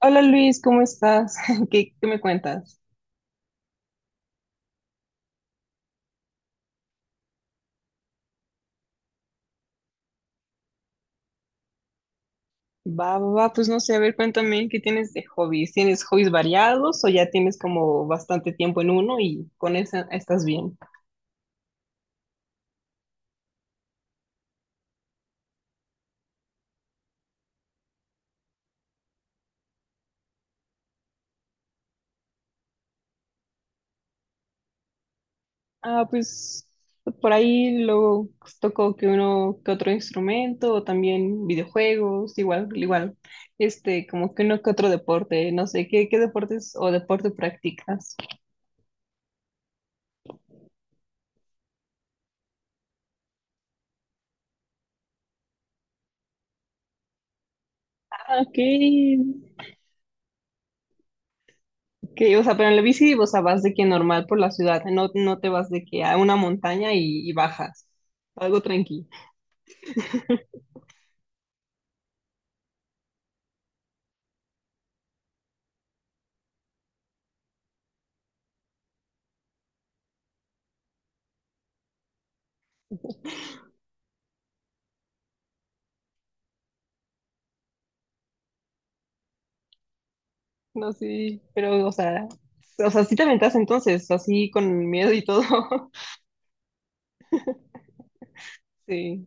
Hola Luis, ¿cómo estás? ¿Qué me cuentas? Va, pues no sé, a ver, cuéntame, ¿qué tienes de hobbies? ¿Tienes hobbies variados o ya tienes como bastante tiempo en uno y con esa estás bien? Ah, pues por ahí luego pues toco que uno que otro instrumento o también videojuegos, igual, este, como que uno que otro deporte, no sé, ¿qué deportes o deporte practicas? Ah, ok. Que, o sea, pero en la bici, o sea, vas de que normal por la ciudad, no, no te vas de que a una montaña y bajas, algo tranqui. No, sí, pero, o sea, sí te aventas entonces, así con miedo y todo. Sí.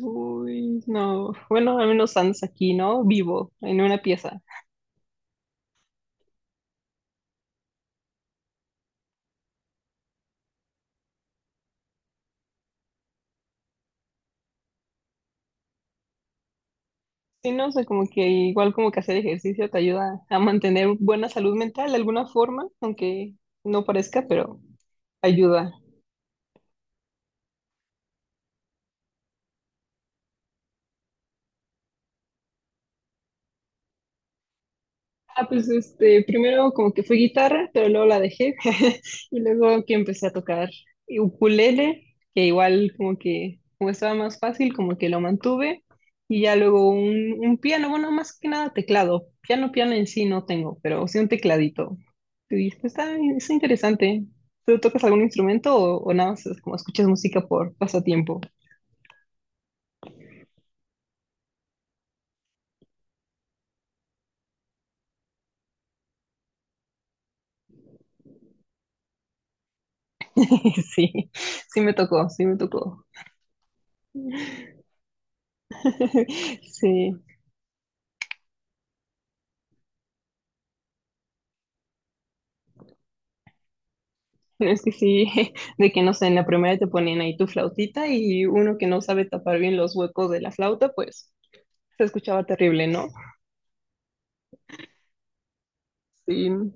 Uy, no. Bueno, al menos andas aquí, ¿no? Vivo, en una pieza. Sí, no, sé, como que igual como que hacer ejercicio te ayuda a mantener buena salud mental de alguna forma, aunque no parezca, pero ayuda. Ah, pues este, primero como que fue guitarra, pero luego la dejé, y luego que empecé a tocar ukulele, que igual como que como estaba más fácil, como que lo mantuve y ya luego un piano, bueno, más que nada teclado. Piano, piano en sí no tengo, pero sí un tecladito. Y pues, está, es interesante. ¿Tú tocas algún instrumento o nada más es como escuchas música por pasatiempo? Sí, sí me tocó. Sí. Pero es que sí, de que no sé, en la primera te ponían ahí tu flautita y uno que no sabe tapar bien los huecos de la flauta, pues se escuchaba terrible, ¿no? Sí.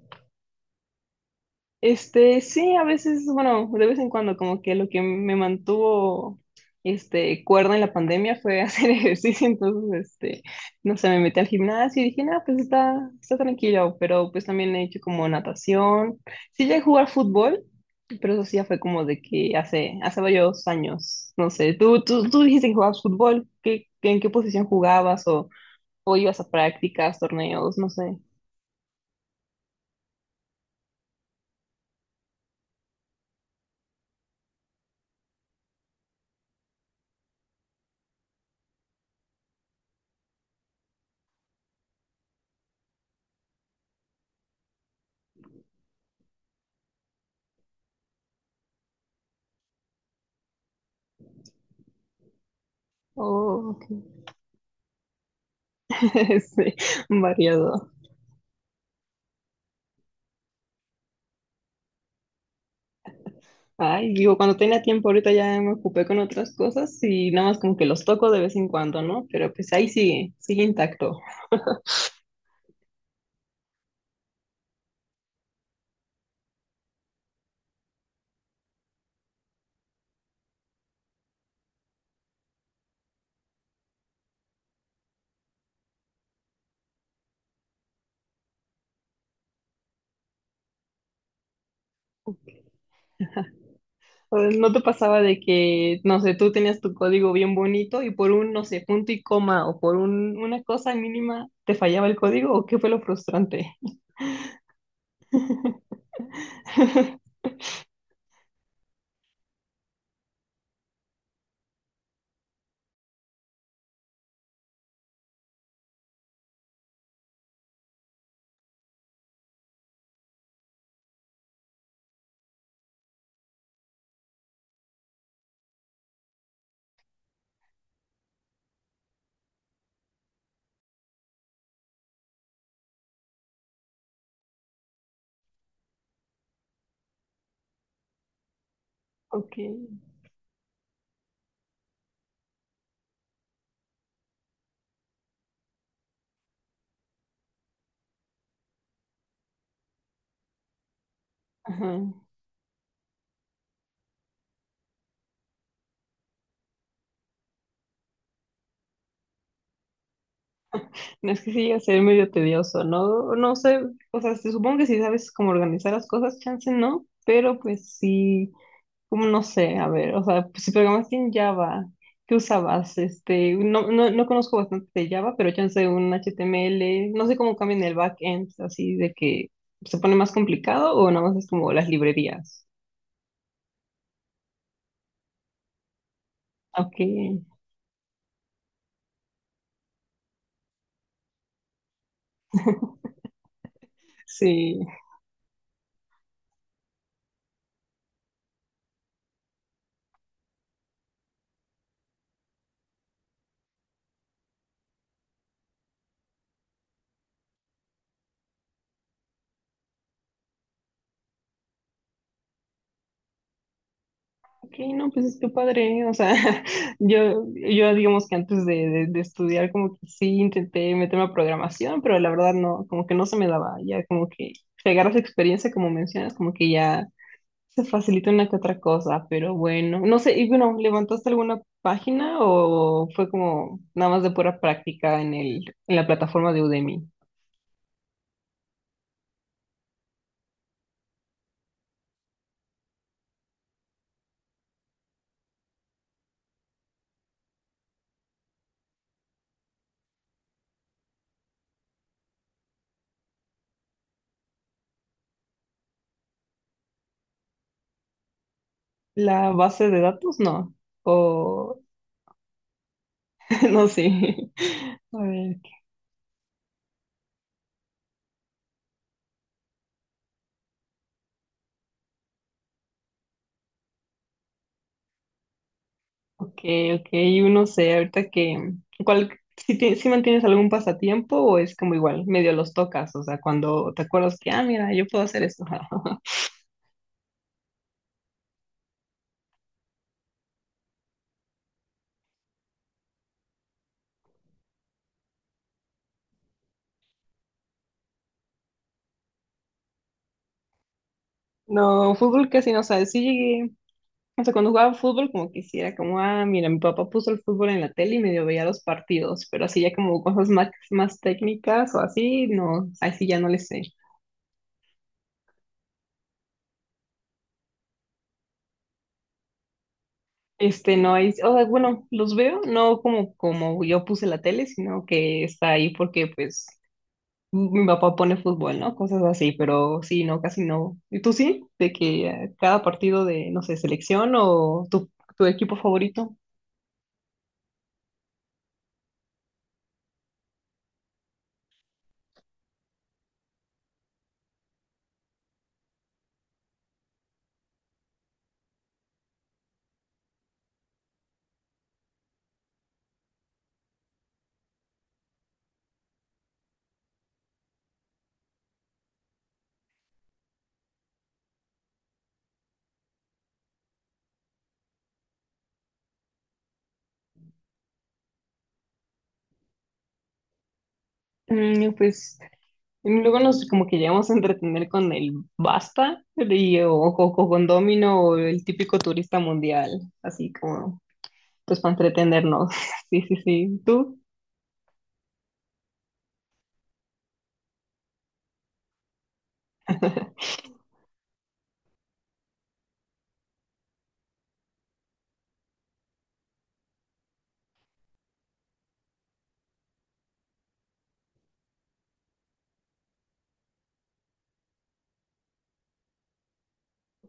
Este, sí, a veces, bueno, de vez en cuando, como que lo que me mantuvo, este, cuerda en la pandemia fue hacer ejercicio, entonces, este, no sé, me metí al gimnasio y dije, no, pues está, está tranquilo, pero pues también he hecho como natación, sí llegué a jugar fútbol, pero eso sí ya fue como de que hace varios años, no sé, tú dijiste que jugabas fútbol, en qué posición jugabas o ibas a prácticas, torneos, no sé. Oh, ok. Sí, variado. Ay, digo, cuando tenía tiempo ahorita ya me ocupé con otras cosas y nada más como que los toco de vez en cuando, ¿no? Pero pues ahí sigue, sigue intacto. Pues, ¿no te pasaba de que, no sé, tú tenías tu código bien bonito y por un, no sé, punto y coma o por un, una cosa mínima te fallaba el código o qué fue lo frustrante? Ok, ajá. No, es que sí llega a ser medio tedioso, ¿no? No sé, o sea, supongo que si sabes cómo organizar las cosas, chance no, pero pues sí. Como no sé, a ver, o sea, pues si programaste en Java, ¿qué usabas? Este, no conozco bastante de Java, pero chance un HTML, no sé cómo cambian el backend, así de que se pone más complicado o nada más es como las librerías. Ok, sí. Ok, no, pues es que padre, o sea, yo digamos que antes de, de estudiar como que sí intenté meterme a programación, pero la verdad no, como que no se me daba, ya como que pegar esa experiencia como mencionas, como que ya se facilita una que otra cosa, pero bueno, no sé, y bueno, ¿levantaste alguna página o fue como nada más de pura práctica en el, en la plataforma de Udemy? ¿La base de datos? No. O no sé. A ver, ok, ok, yo no sé, ahorita que, ¿cuál, si, si mantienes algún pasatiempo o es como igual, medio los tocas, o sea, cuando te acuerdas que, ah, mira, yo puedo hacer esto? No, fútbol casi no sabes, sí llegué. O sea, cuando jugaba fútbol, como que sí era como, ah, mira, mi papá puso el fútbol en la tele y medio veía los partidos, pero así ya como cosas más técnicas o así, no, así ya no les sé. Este, no hay, o sea, bueno, los veo, no como, como yo puse la tele, sino que está ahí porque, pues, mi papá pone fútbol, ¿no? Cosas así, pero sí, no, casi no. ¿Y tú sí? De que cada partido de, no sé, selección o tu equipo favorito. Mm, pues. Y luego nos como que llegamos a entretener con el basta y, o con Domino o el típico turista mundial, así como pues para entretenernos. Sí, sí, sí. ¿Tú?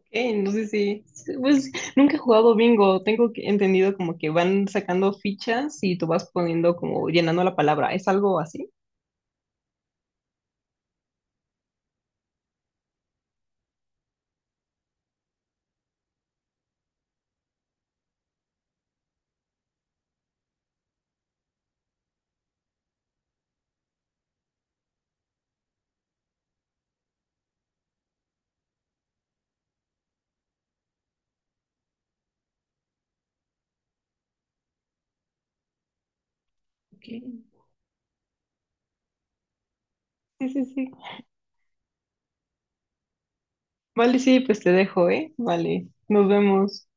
No sé si, pues nunca he jugado bingo, tengo entendido como que van sacando fichas y tú vas poniendo como llenando la palabra, ¿es algo así? Ok. Sí, sí, sí. Vale, sí, pues te dejo, ¿eh? Vale, nos vemos.